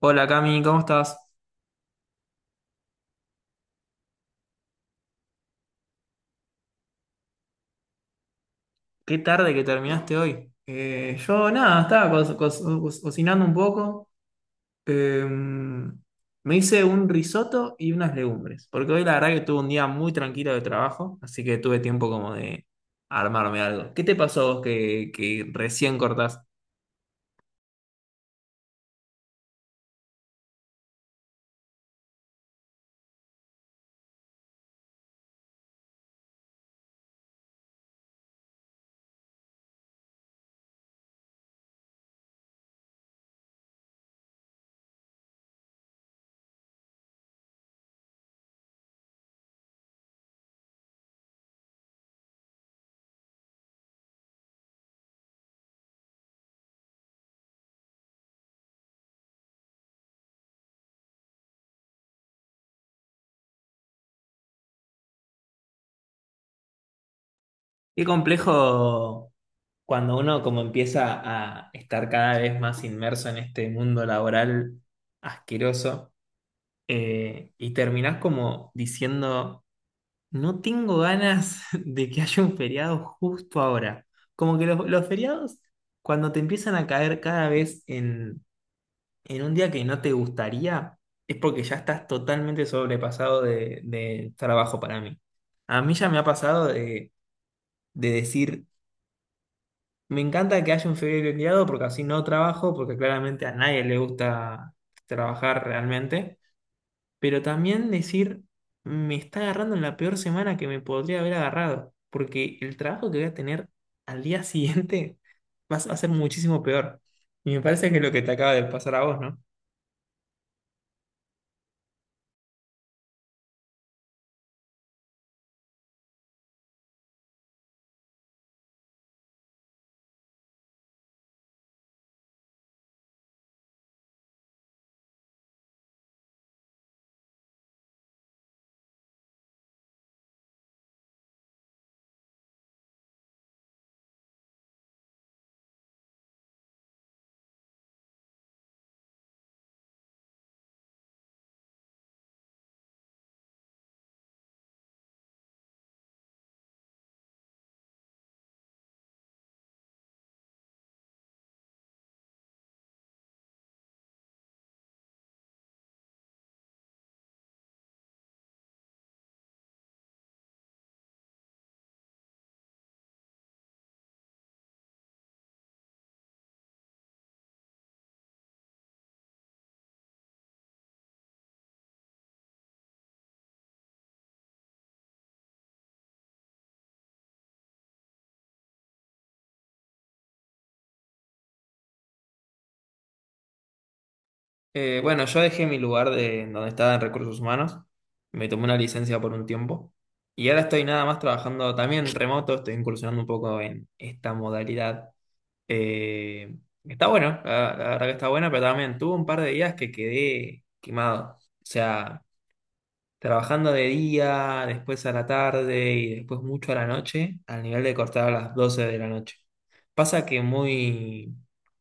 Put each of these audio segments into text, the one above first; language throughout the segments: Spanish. Hola Cami, ¿cómo estás? Qué tarde que terminaste hoy. Yo nada, estaba cocinando un poco. Eh, Me hice un risotto y unas legumbres, porque hoy la verdad que tuve un día muy tranquilo de trabajo, así que tuve tiempo como de armarme algo. ¿Qué te pasó a vos que recién cortás? Qué complejo cuando uno como empieza a estar cada vez más inmerso en este mundo laboral asqueroso, y terminás como diciendo... No tengo ganas de que haya un feriado justo ahora. Como que los feriados, cuando te empiezan a caer cada vez en un día que no te gustaría, es porque ya estás totalmente sobrepasado de trabajo para mí. A mí ya me ha pasado de decir, me encanta que haya un feriado porque así no trabajo, porque claramente a nadie le gusta trabajar realmente, pero también decir, me está agarrando en la peor semana que me podría haber agarrado, porque el trabajo que voy a tener al día siguiente va a ser muchísimo peor. Y me parece que es lo que te acaba de pasar a vos, ¿no? Bueno, yo dejé mi lugar de donde estaba en recursos humanos, me tomé una licencia por un tiempo y ahora estoy nada más trabajando también remoto, estoy incursionando un poco en esta modalidad. Eh, Está bueno, la verdad que está bueno, pero también tuve un par de días que quedé quemado. O sea, trabajando de día, después a la tarde y después mucho a la noche, al nivel de cortar a las 12 de la noche. Pasa que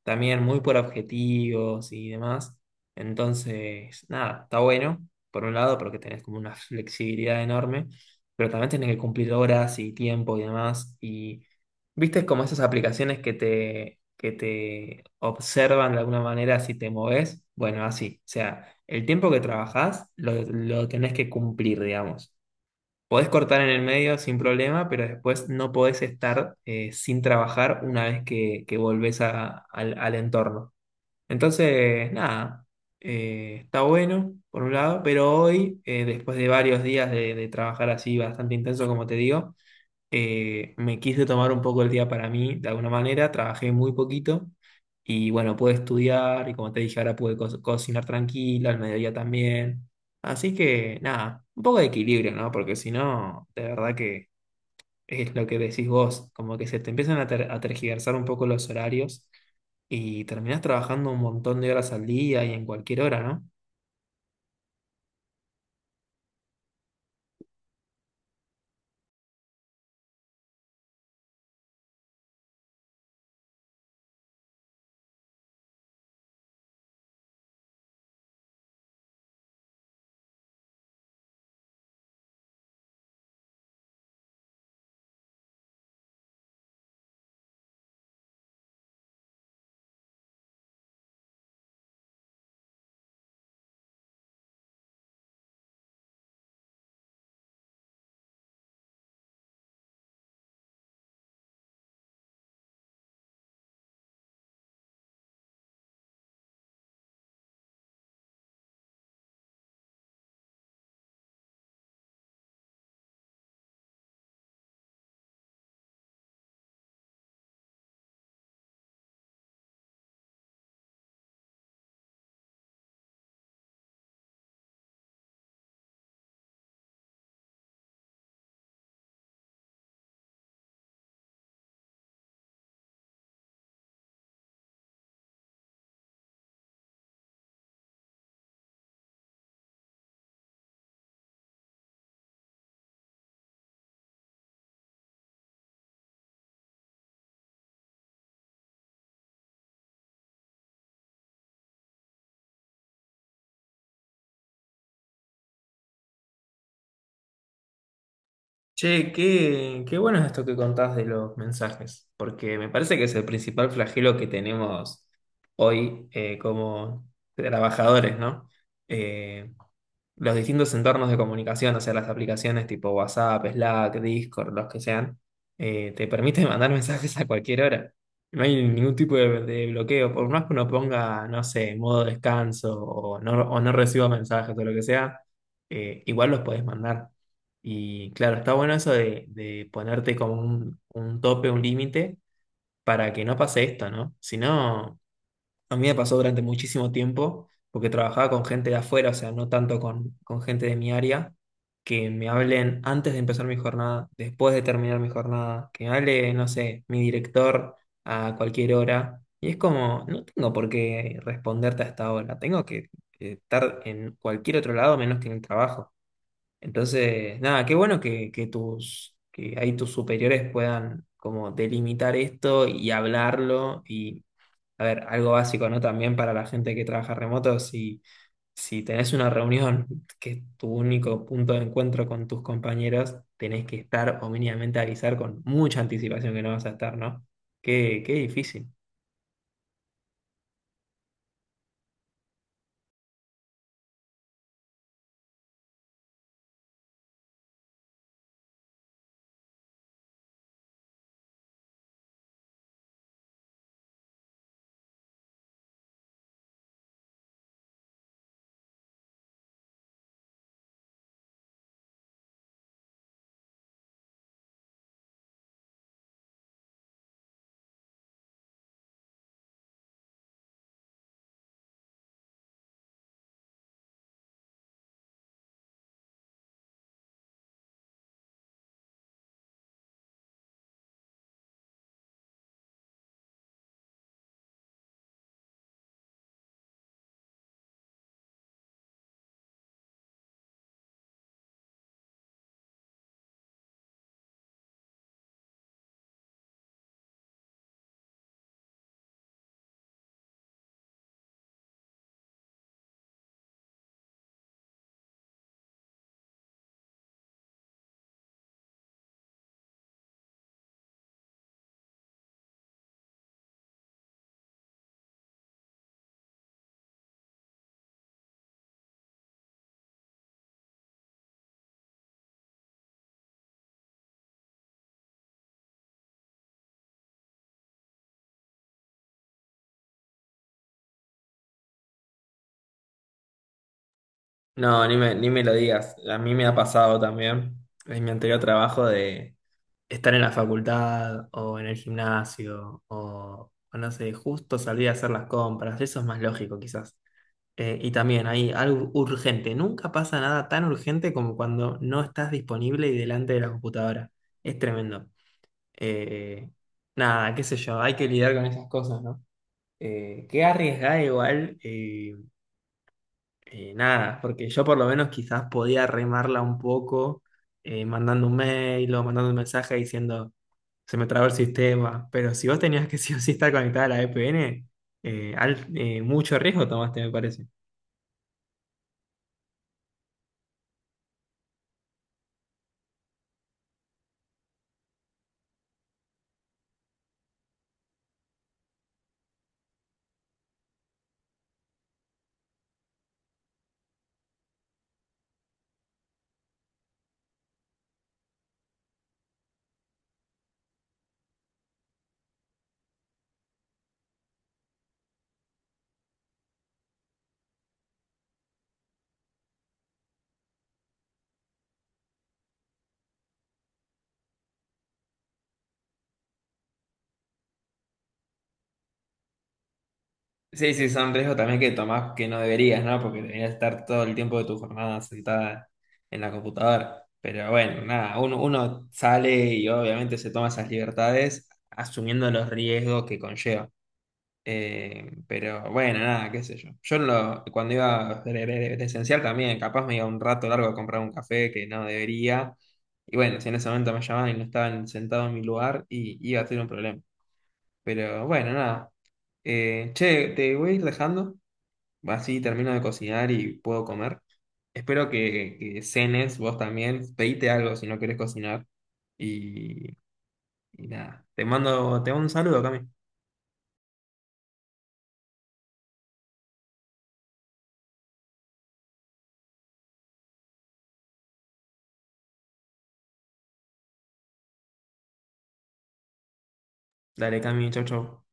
también muy por objetivos y demás. Entonces, nada, está bueno, por un lado, porque tenés como una flexibilidad enorme, pero también tenés que cumplir horas y tiempo y demás. Y viste como esas aplicaciones que te observan de alguna manera si te moves. Bueno, así, o sea, el tiempo que trabajás, lo tenés que cumplir, digamos. Podés cortar en el medio sin problema, pero después no podés estar sin trabajar una vez que volvés al, al entorno. Entonces, nada, está bueno, por un lado, pero hoy, después de varios días de trabajar así bastante intenso, como te digo, me quise tomar un poco el día para mí, de alguna manera, trabajé muy poquito y bueno, pude estudiar y como te dije, ahora pude cocinar tranquila, al mediodía también. Así que nada, un poco de equilibrio, ¿no? Porque si no, de verdad que es lo que decís vos, como que se te empiezan a tergiversar un poco los horarios y terminás trabajando un montón de horas al día y en cualquier hora, ¿no? Che, qué bueno es esto que contás de los mensajes, porque me parece que es el principal flagelo que tenemos hoy, como trabajadores, ¿no? Eh, los distintos entornos de comunicación, o sea, las aplicaciones tipo WhatsApp, Slack, Discord, los que sean, te permiten mandar mensajes a cualquier hora. No hay ningún tipo de bloqueo, por más que uno ponga, no sé, modo descanso o no reciba mensajes o lo que sea, igual los podés mandar. Y claro, está bueno eso de ponerte como un tope, un límite, para que no pase esto, ¿no? Si no... A mí me pasó durante muchísimo tiempo, porque trabajaba con gente de afuera, o sea, no tanto con gente de mi área, que me hablen antes de empezar mi jornada, después de terminar mi jornada, que me hable, no sé, mi director a cualquier hora. Y es como, no tengo por qué responderte a esta hora, tengo que estar en cualquier otro lado menos que en el trabajo. Entonces, nada, qué bueno que, que ahí tus superiores puedan como delimitar esto y hablarlo y, a ver, algo básico, ¿no? También para la gente que trabaja remoto, si tenés una reunión que es tu único punto de encuentro con tus compañeros, tenés que estar o mínimamente avisar con mucha anticipación que no vas a estar, ¿no? Qué difícil. No, ni me lo digas. A mí me ha pasado también en mi anterior trabajo de... estar en la facultad o en el gimnasio o no sé, justo salir a hacer las compras, eso es más lógico quizás. Y también hay algo urgente, nunca pasa nada tan urgente como cuando no estás disponible y delante de la computadora. Es tremendo. Eh, Nada, qué sé yo, hay que lidiar con esas cosas, ¿no? Qué arriesgada igual, nada, porque yo por lo menos quizás podía remarla un poco, mandando un mail o mandando un mensaje diciendo se me traba el sistema. Pero si vos tenías que sí o sí estar conectada a la VPN, mucho riesgo tomaste, me parece. Sí, sí, son riesgos también que tomás que no deberías, ¿no? Porque deberías estar todo el tiempo de tu jornada sentada en la computadora. Pero bueno, nada, uno sale y obviamente se toma esas libertades asumiendo los riesgos que conlleva. Pero bueno, nada, qué sé yo. Yo no lo- cuando iba de esencial también, capaz me iba un rato largo a comprar un café que no debería. Y bueno, si en ese momento me llamaban y no estaban sentados en mi lugar, y iba a ser un problema. Pero bueno, nada. Che, te voy a ir dejando. Así termino de cocinar y puedo comer. Espero que cenes vos también. Pedite algo si no querés cocinar. Y, y nada. Te mando un saludo, Cami. Dale, Cami, chau, chau.